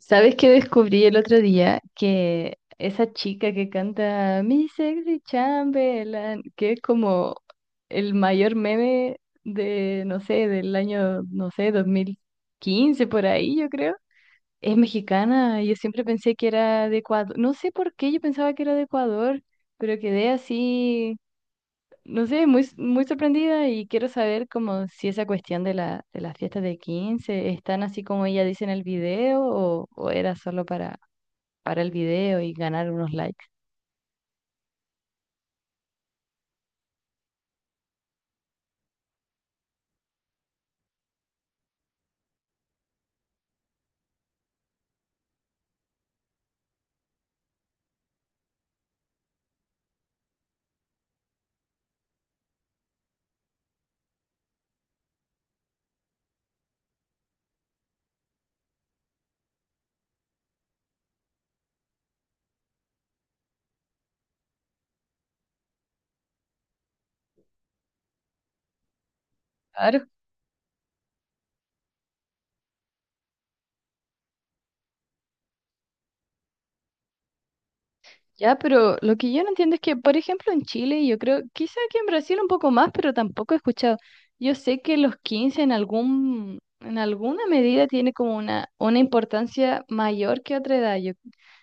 ¿Sabes qué descubrí el otro día? Que esa chica que canta Mi Sexy Chamberlain, que es como el mayor meme no sé, del año, no sé, 2015 por ahí, yo creo. Es mexicana, yo siempre pensé que era de Ecuador. No sé por qué yo pensaba que era de Ecuador, pero quedé así, no sé, muy, muy sorprendida y quiero saber como si esa cuestión de las fiestas de 15 están así como ella dice en el video, o era solo para el video y ganar unos likes. Ya, pero lo que yo no entiendo es que, por ejemplo, en Chile, y yo creo, quizá que en Brasil un poco más, pero tampoco he escuchado. Yo sé que los 15 en alguna medida tiene como una importancia mayor que otra edad. Yo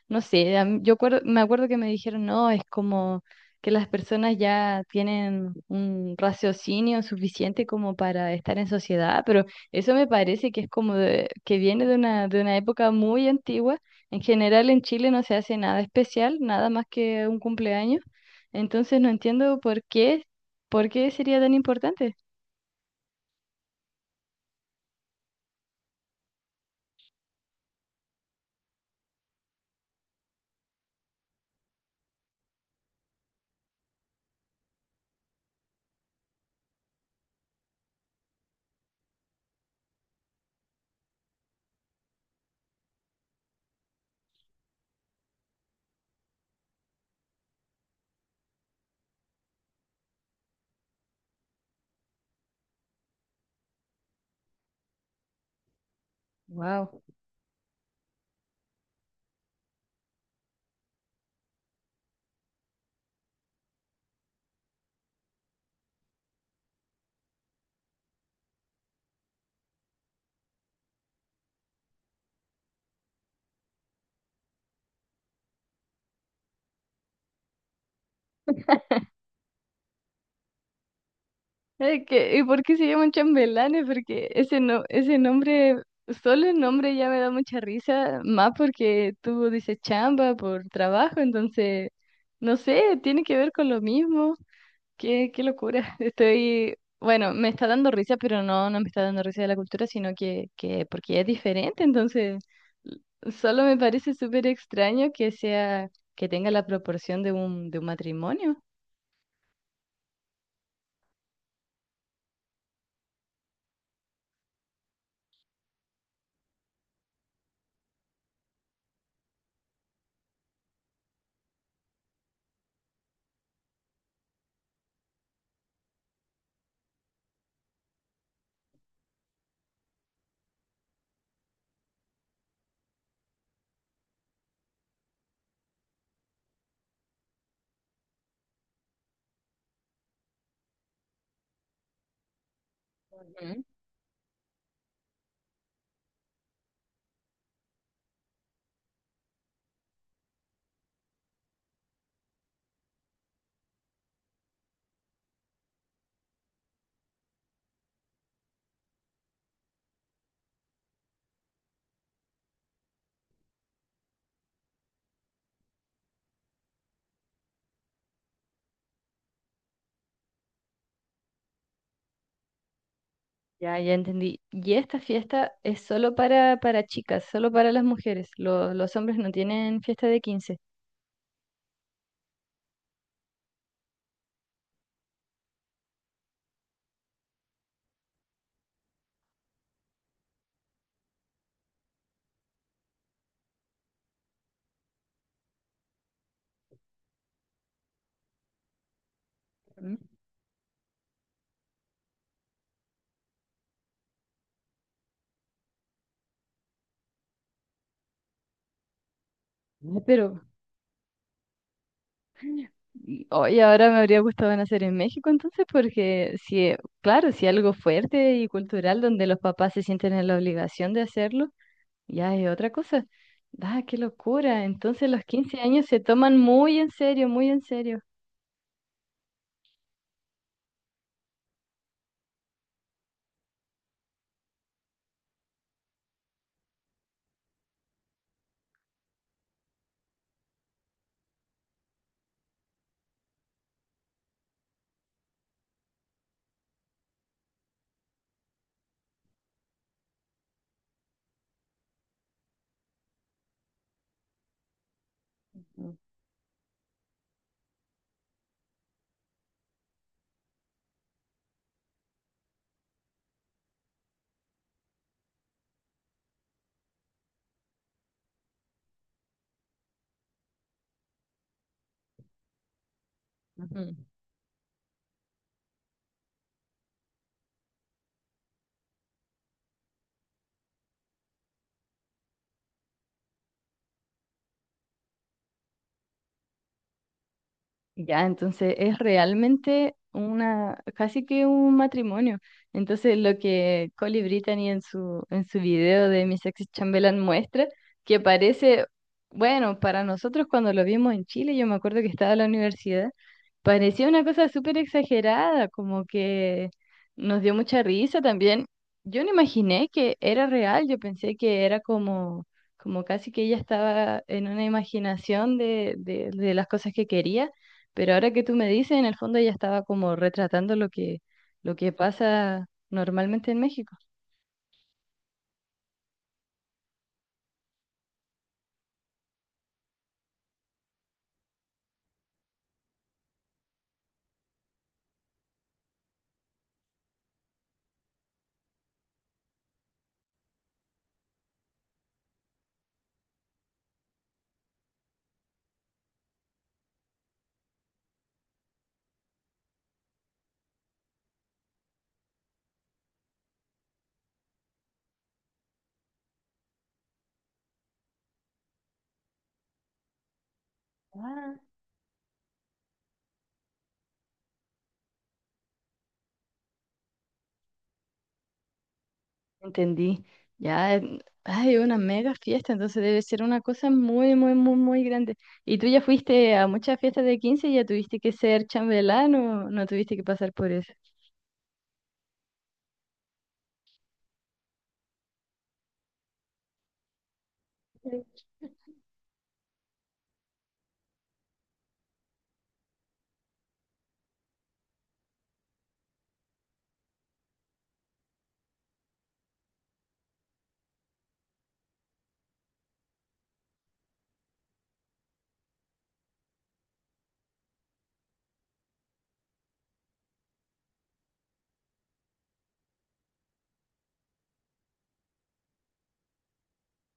no sé, a mí- yo acuerdo- me acuerdo que me dijeron, no, es como que las personas ya tienen un raciocinio suficiente como para estar en sociedad, pero eso me parece que es como que viene de una época muy antigua. En general en Chile no se hace nada especial, nada más que un cumpleaños. Entonces no entiendo por qué sería tan importante. Wow. ¿Y por qué se llaman chambelanes? Porque ese no, ese nombre, solo el nombre ya me da mucha risa, más porque tú dices chamba por trabajo, entonces, no sé, tiene que ver con lo mismo. Qué, qué locura. Bueno, me está dando risa, pero no, no me está dando risa de la cultura, sino que porque es diferente, entonces l- solo me parece súper extraño que tenga la proporción de un matrimonio. Ujú. Ya, ya entendí. Y esta fiesta es solo para chicas, solo para las mujeres. Los hombres no tienen fiesta de quince. Ujú. Ay, y hoy ahora me habría gustado nacer en México entonces, porque si, claro, si algo fuerte y cultural donde los papás se sienten en la obligación de hacerlo, ya es otra cosa. Ah, qué locura. Entonces los 15 años se toman muy en serio, muy en serio. Ujú. Ya, entonces es realmente casi que un matrimonio. Entonces lo que Colly Brittany en su video de Miss Sexy Chamberlain muestra, que parece, bueno, para nosotros cuando lo vimos en Chile, yo me acuerdo que estaba en la universidad, parecía una cosa súper exagerada, como que nos dio mucha risa también. Yo no imaginé que era real, yo pensé que era como casi que ella estaba en una imaginación de las cosas que quería, pero ahora que tú me dices, en el fondo ella estaba como retratando lo que pasa normalmente en México. Ah, entendí. Ya, hay una mega fiesta, entonces debe ser una cosa muy, muy, muy, muy grande. ¿Y tú ya fuiste a muchas fiestas de 15 y ya tuviste que ser chambelán o no tuviste que pasar por eso?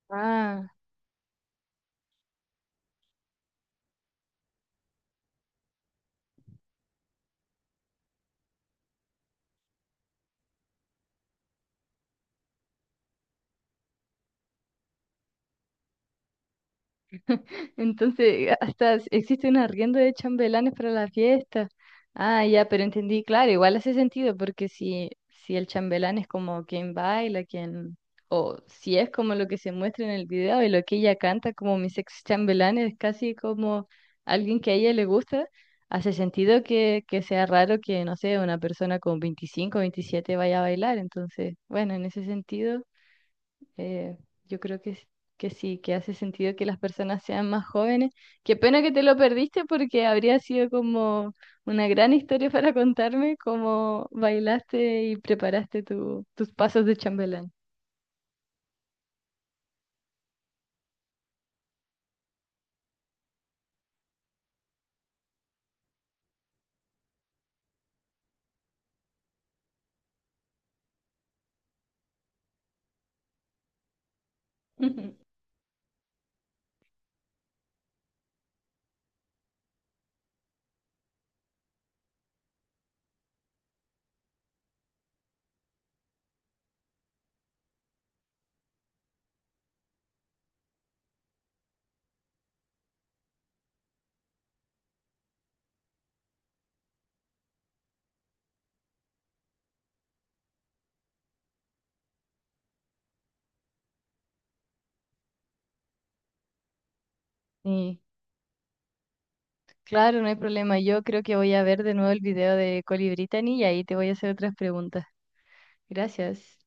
Ah. Entonces, hasta existe un arriendo de chambelanes para la fiesta. Ah, ya, pero entendí, claro, igual hace sentido, porque si el chambelán es como quien baila, o si es como lo que se muestra en el video y lo que ella canta como mis ex chambelanes, es casi como alguien que a ella le gusta, hace sentido que sea raro que, no sé, una persona con 25 27 vaya a bailar. Entonces, bueno, en ese sentido. Eh, yo creo que sí, que hace sentido que las personas sean más jóvenes. Qué pena que te lo perdiste porque habría sido como una gran historia para contarme cómo bailaste y preparaste tus pasos de chambelán. Y claro, no hay problema. Yo creo que voy a ver de nuevo el video de Colibritany y ahí te voy a hacer otras preguntas. Gracias.